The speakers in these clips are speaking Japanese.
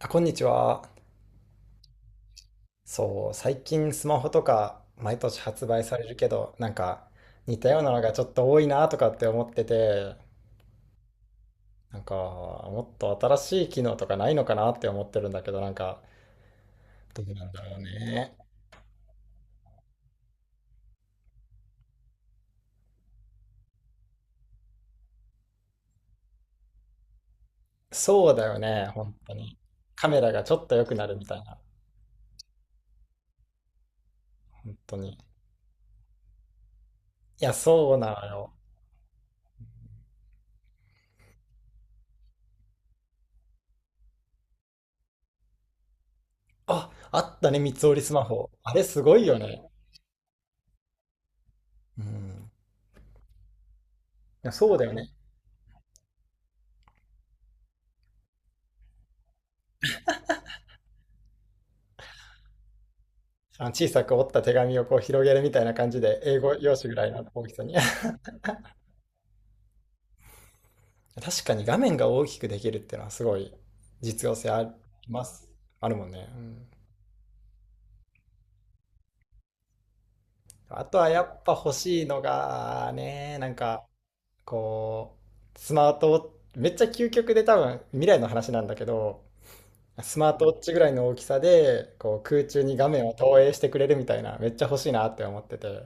あ、こんにちは。そう、最近スマホとか毎年発売されるけど、なんか似たようなのがちょっと多いなとかって思ってて、なんかもっと新しい機能とかないのかなって思ってるんだけど、なんかどうなんだろうね。そうだよね、本当に。カメラがちょっと良くなるみたいな、本当に。いや、そうなのよ。あ、あったね、三つ折りスマホ。あれすごいよね。うん。いや、そうだよね。あの小さく折った手紙をこう広げるみたいな感じで、英語用紙ぐらいの大きさに。確かに画面が大きくできるっていうのはすごい実用性あります。あるもんね。うん。あとはやっぱ欲しいのがね、なんかこう、スマートウォッチ、めっちゃ究極で多分未来の話なんだけど、スマートウォッチぐらいの大きさで、こう空中に画面を投影してくれるみたいな、めっちゃ欲しいなって思ってて。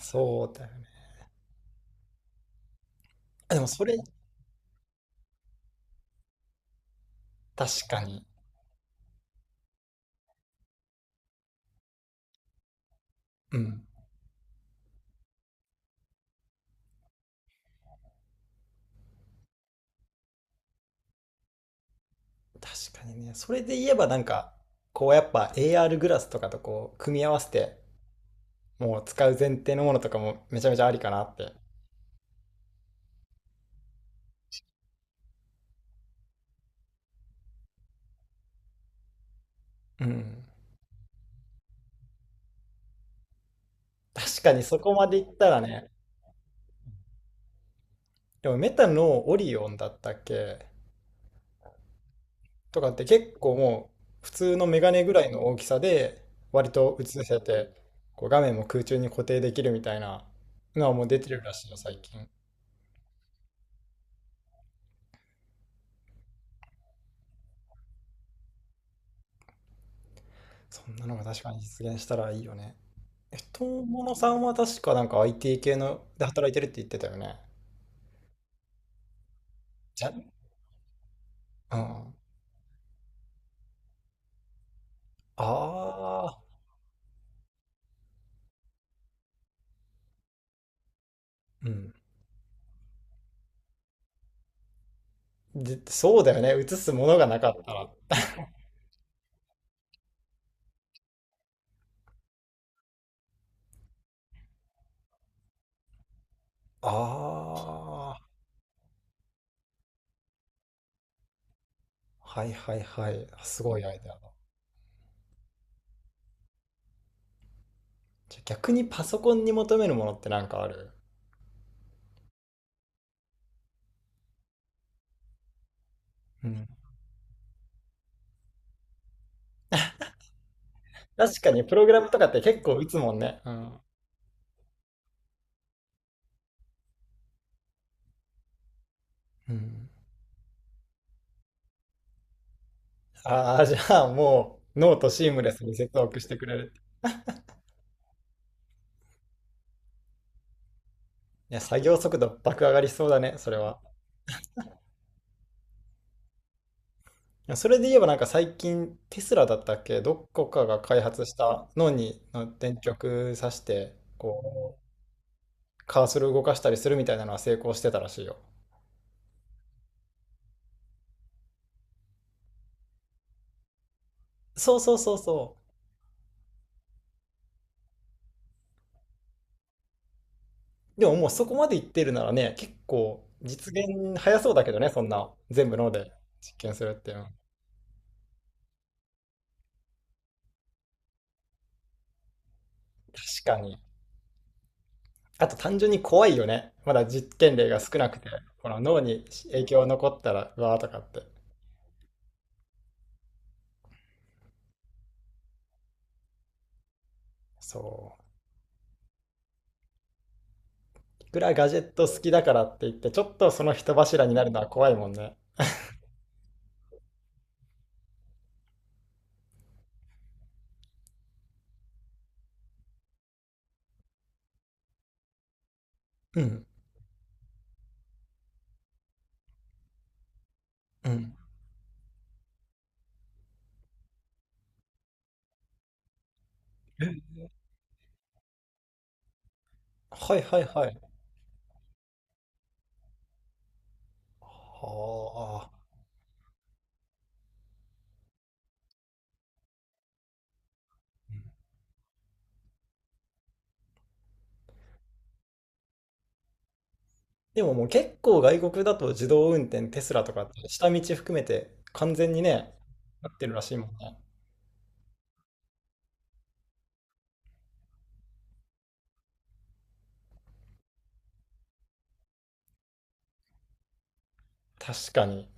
そうだよね。でもそれ、確かに。うん。確かにね。それで言えばなんか、こうやっぱ AR グラスとかとこう組み合わせて、もう使う前提のものとかもめちゃめちゃありかなって。うん。確かにそこまでいったらね。でもメタのオリオンだったっけとかって結構もう普通のメガネぐらいの大きさで割と映せて、こう画面も空中に固定できるみたいなのはもう出てるらしいよ、最近。そんなのが確かに実現したらいいよね。え、友野さんは確かなんか IT 系ので働いてるって言ってたよね。じゃ、うん。ああ、うん。で、そうだよね。映すものがなかったら。ああ、はいはいはい。すごいアイデアだ。じゃ、逆にパソコンに求めるものってなんかある？うん。確かにプログラムとかって結構打つもんね。うん。うん。ああ、じゃあもうノートシームレスに接続してくれる。いや、作業速度爆上がりしそうだね、それは。や、それで言えばなんか最近テスラだったっけ、どこかが開発した脳にの電極さしてこうカーソル動かしたりするみたいなのは成功してたらしいよ。そうそうそうそう。でももうそこまでいってるならね、結構実現早そうだけどね、そんな全部脳で実験するっていうのは。確かに。あと単純に怖いよね。まだ実験例が少なくてこの脳に影響残ったらうわーとかって。そう。いくらガジェット好きだからって言って、ちょっとその人柱になるのは怖いもんね。うん、うん。はいはいはい。はあ。でももう結構外国だと自動運転、テスラとかって下道含めて完全にね、なってるらしいもんね。確かに。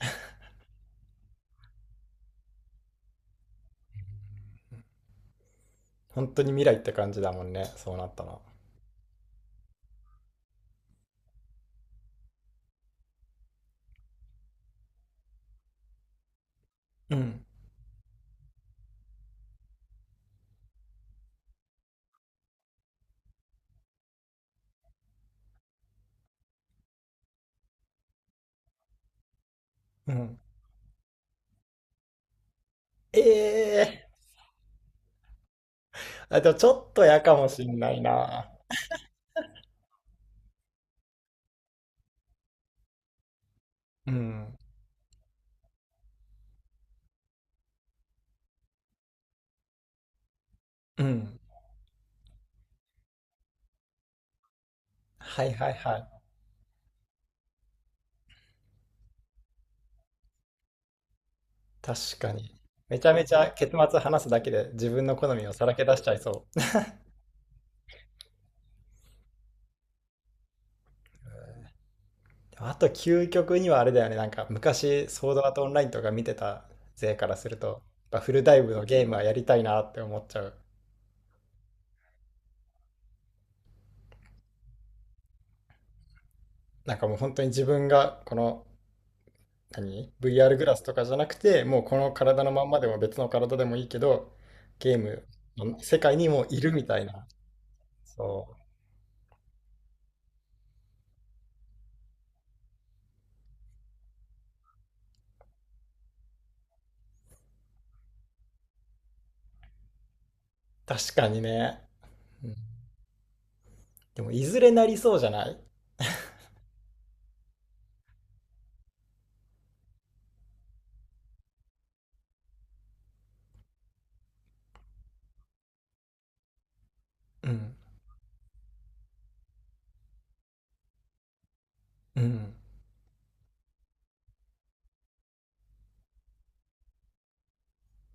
本当に未来って感じだもんね。そうなったら。うん。うん。ええー。あ、でもちょっと嫌かもしんないな。うん。うん。はいはいはい。確かに。めちゃめちゃ結末話すだけで自分の好みをさらけ出しちゃいそう。でもあと究極にはあれだよね。なんか昔ソードアートオンラインとか見てた勢からすると、やっぱフルダイブのゲームはやりたいなって思っちゃう。なんかもう本当に自分がこの何 VR グラスとかじゃなくて、もうこの体のまんまでも別の体でもいいけど、ゲームの世界にもういるみたいな。そう。確かにね。うん、でもいずれなりそうじゃない？うん。うん。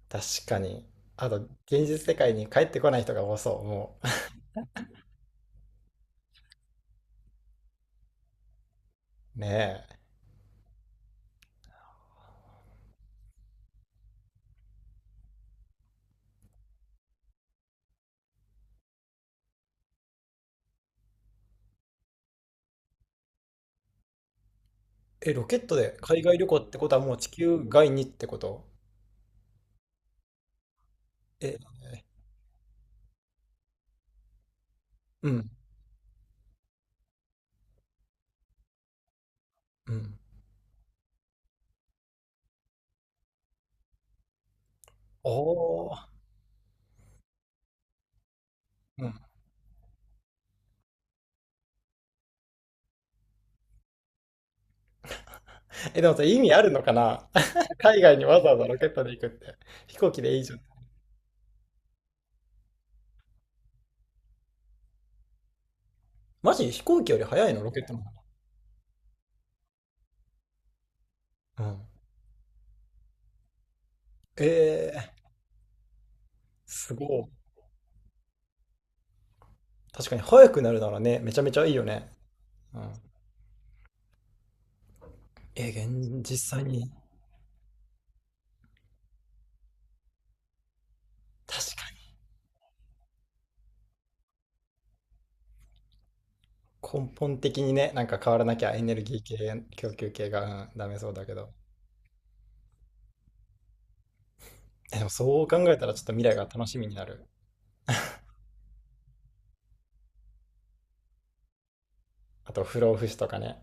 確かに。あと、現実世界に帰ってこない人が多そう、もう。ねえ。え、ロケットで海外旅行ってことはもう地球外にってこと？え、うん、うん。おー。うん。え、でもさ、意味あるのかな 海外にわざわざロケットで行くって。飛行機でいいじゃん。マジ飛行機より早いの、ロケットの方が。うん。えー、すごい。確かに早くなるならね、めちゃめちゃいいよね。うん。え、現実際に。確かに根本的にね、なんか変わらなきゃエネルギー系、供給系が、うん、ダメそうだけど。え、でもそう考えたらちょっと未来が楽しみになる。あと不老不死とかね。